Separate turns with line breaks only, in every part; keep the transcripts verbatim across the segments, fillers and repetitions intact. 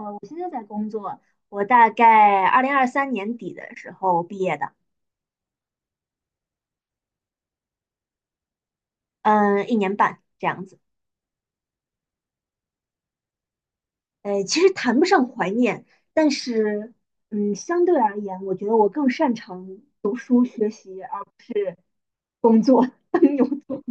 我现在在工作，我大概二零二三年底的时候毕业的，嗯，一年半这样子。呃，其实谈不上怀念，但是，嗯，相对而言，我觉得我更擅长读书学习，而不是工作当牛做。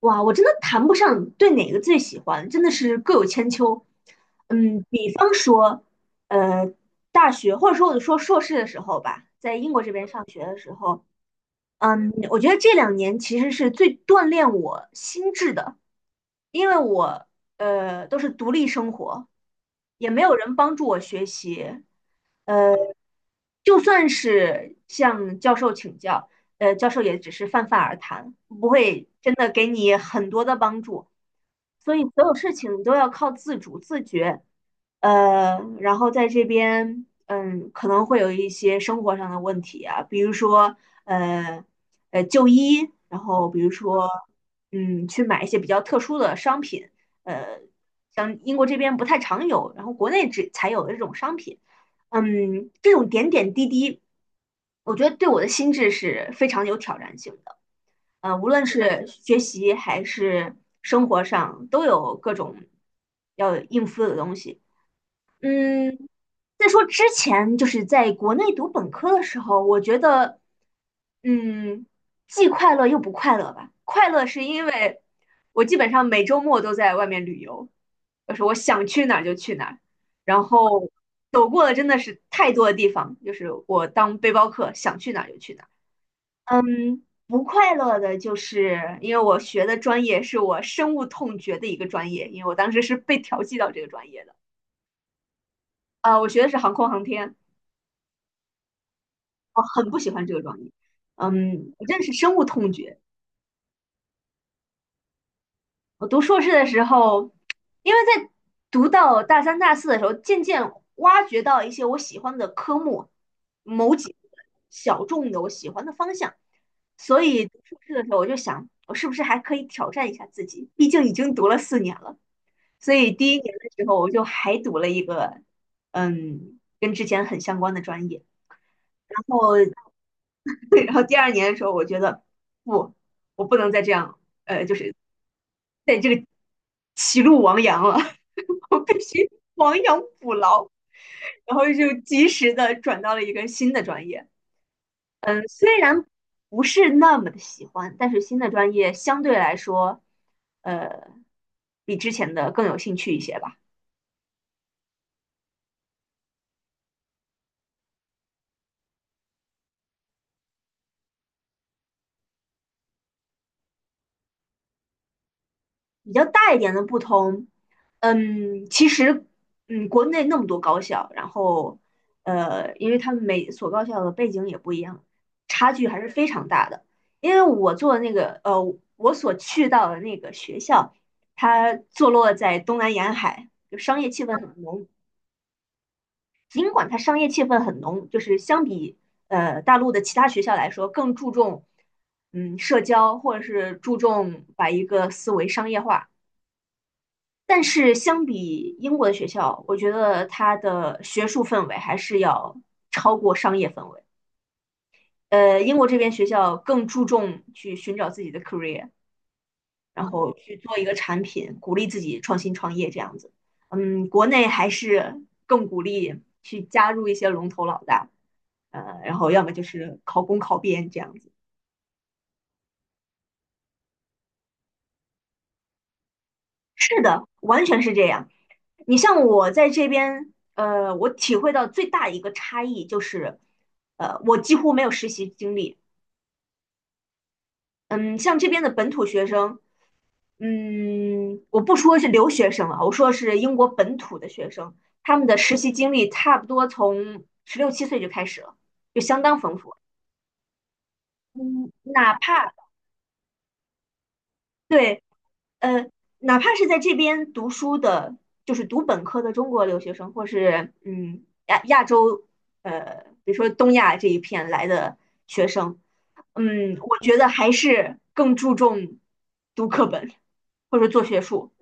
哇，我真的谈不上对哪个最喜欢，真的是各有千秋。嗯，比方说，呃，大学或者说我说硕士的时候吧，在英国这边上学的时候，嗯，我觉得这两年其实是最锻炼我心智的，因为我呃都是独立生活，也没有人帮助我学习，就算是向教授请教，呃，教授也只是泛泛而谈，不会真的给你很多的帮助。所以所有事情都要靠自主自觉，呃，然后在这边，嗯，可能会有一些生活上的问题啊，比如说，呃，呃，就医，然后比如说，嗯，去买一些比较特殊的商品，呃，像英国这边不太常有，然后国内只才有的这种商品，嗯，这种点点滴滴，我觉得对我的心智是非常有挑战性的。呃，无论是学习还是生活上，都有各种要应付的东西。嗯，再说之前就是在国内读本科的时候，我觉得，嗯，既快乐又不快乐吧。快乐是因为我基本上每周末都在外面旅游，就是我想去哪儿就去哪儿，然后走过了真的是太多的地方，就是我当背包客，想去哪儿就去哪儿。嗯，不快乐的就是因为我学的专业是我深恶痛绝的一个专业，因为我当时是被调剂到这个专业的。呃，我学的是航空航天，我很不喜欢这个专业。嗯，我真的是深恶痛绝。我读硕士的时候，因为在读到大三、大四的时候，渐渐挖掘到一些我喜欢的科目，某几个小众的我喜欢的方向，所以读硕士的时候我就想，我是不是还可以挑战一下自己？毕竟已经读了四年了。所以第一年的时候，我就还读了一个，嗯，跟之前很相关的专业。然后，对，然后第二年的时候，我觉得不，我不能再这样，呃，就是在这个歧路亡羊了，我必须亡羊补牢。然后就及时的转到了一个新的专业。嗯，虽然不是那么的喜欢，但是新的专业相对来说，呃，比之前的更有兴趣一些吧。比较大一点的不同，嗯，其实，嗯，国内那么多高校，然后，呃，因为他们每所高校的背景也不一样，差距还是非常大的。因为我做的那个，呃，我所去到的那个学校，它坐落在东南沿海，就商业气氛很浓。尽管它商业气氛很浓，就是相比呃大陆的其他学校来说，更注重嗯社交，或者是注重把一个思维商业化。但是相比英国的学校，我觉得它的学术氛围还是要超过商业氛围。呃，英国这边学校更注重去寻找自己的 career，然后去做一个产品，鼓励自己创新创业这样子。嗯，国内还是更鼓励去加入一些龙头老大，呃，然后要么就是考公考编这样子。是的，完全是这样。你像我在这边，呃，我体会到最大一个差异就是，呃，我几乎没有实习经历。嗯，像这边的本土学生，嗯，我不说是留学生了，我说是英国本土的学生，他们的实习经历差不多从十六七岁就开始了，就相当丰富。嗯，哪怕对呃，哪怕是在这边读书的，就是读本科的中国留学生，或是嗯亚亚洲，呃，比如说东亚这一片来的学生，嗯，我觉得还是更注重读课本或者做学术，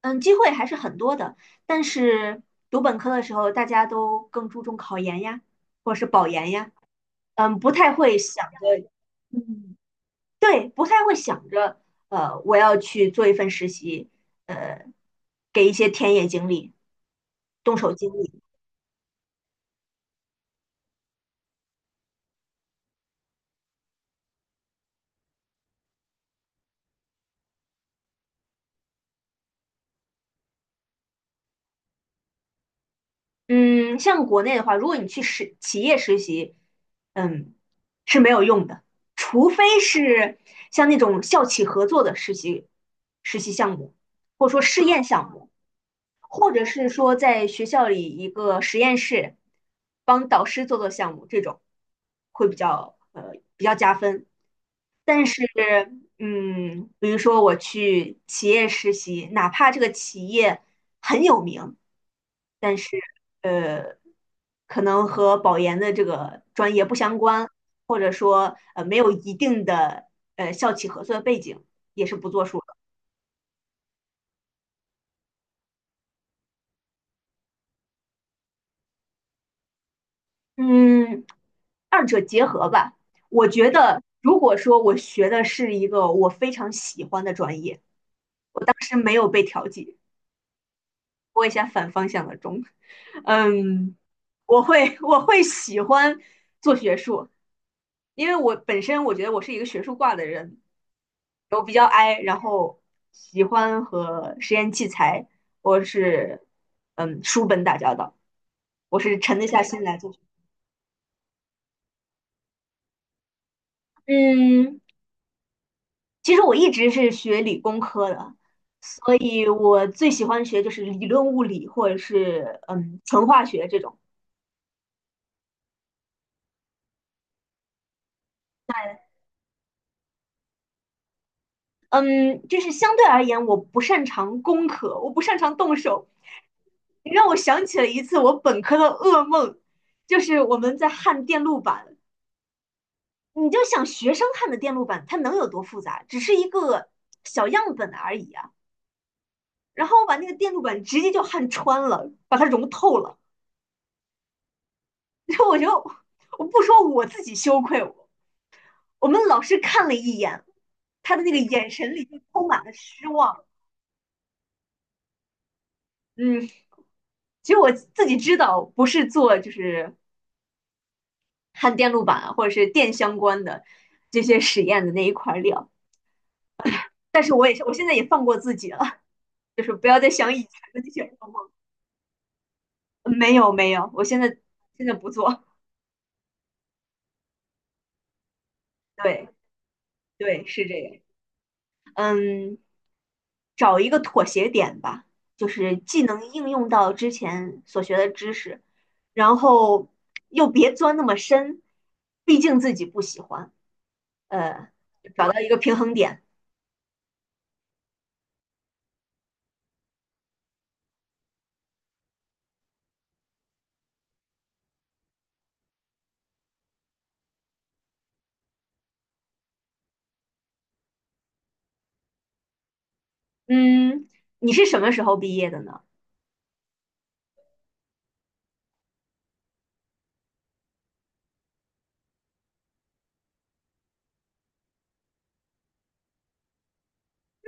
嗯，机会还是很多的。但是读本科的时候，大家都更注重考研呀，或者是保研呀，嗯，不太会想着，嗯。对，不太会想着，呃，我要去做一份实习，呃，给一些田野经历、动手经历。嗯，像国内的话，如果你去实企业实习，嗯，是没有用的，除非是像那种校企合作的实习实习项目，或者说试验项目。或者是说在学校里一个实验室，帮导师做做项目，这种会比较呃比较加分。但是，嗯，比如说我去企业实习，哪怕这个企业很有名，但是呃，可能和保研的这个专业不相关，或者说呃没有一定的呃校企合作的背景，也是不作数的。嗯，二者结合吧。我觉得，如果说我学的是一个我非常喜欢的专业，当时没有被调剂，播一下反方向的钟，嗯，我会我会喜欢做学术，因为我本身我觉得我是一个学术挂的人，我比较 I，然后喜欢和实验器材或是嗯书本打交道，我是沉得下心来做。嗯，其实我一直是学理工科的，所以我最喜欢学就是理论物理或者是嗯纯化学这种。嗯，就是相对而言，我不擅长工科，我不擅长动手。你让我想起了一次我本科的噩梦，就是我们在焊电路板。你就想学生焊的电路板，它能有多复杂？只是一个小样本而已啊。然后我把那个电路板直接就焊穿了，把它融透了。然后我就，我不说我自己羞愧，我们老师看了一眼，他的那个眼神里就充满了失望。嗯，其实我自己知道，不是做就是焊电路板啊或者是电相关的这些实验的那一块料，但是我也是，我现在也放过自己了，就是不要再想以前的那些噩梦。没有没有，我现在现在不做。对对，是这个。嗯。找一个妥协点吧，就是既能应用到之前所学的知识，然后 又别钻那么深，毕竟自己不喜欢。呃，找到一个平衡点。嗯，你是什么时候毕业的呢？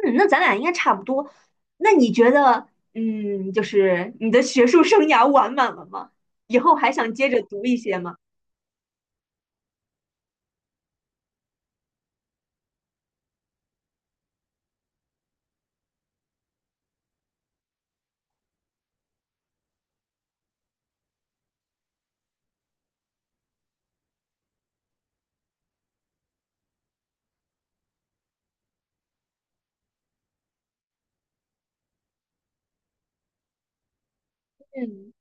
嗯，那咱俩应该差不多。那你觉得，嗯，就是你的学术生涯完满了吗？以后还想接着读一些吗？嗯。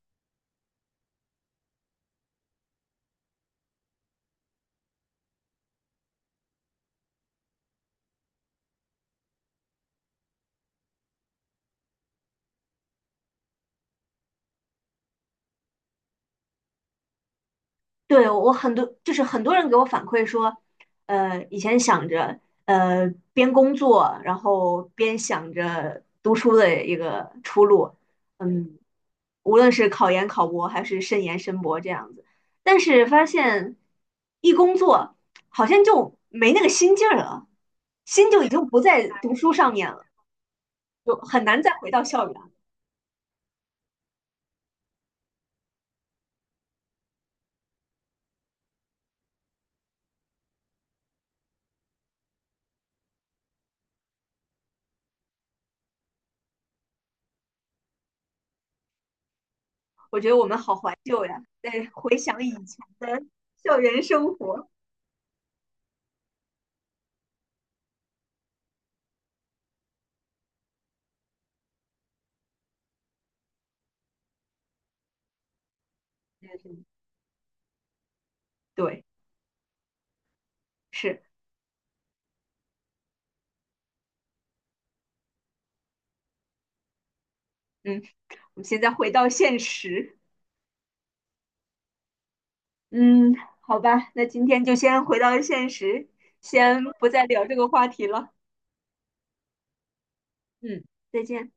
对，我很多就是很多人给我反馈说，呃，以前想着呃边工作，然后边想着读书的一个出路，嗯，无论是考研、考博还是申研、申博这样子，但是发现一工作好像就没那个心劲儿了，心就已经不在读书上面了，就很难再回到校园了。我觉得我们好怀旧呀，在回想以前的校园生活，对。是，嗯，我们现在回到现实，嗯，好吧，那今天就先回到现实，先不再聊这个话题了，嗯，再见。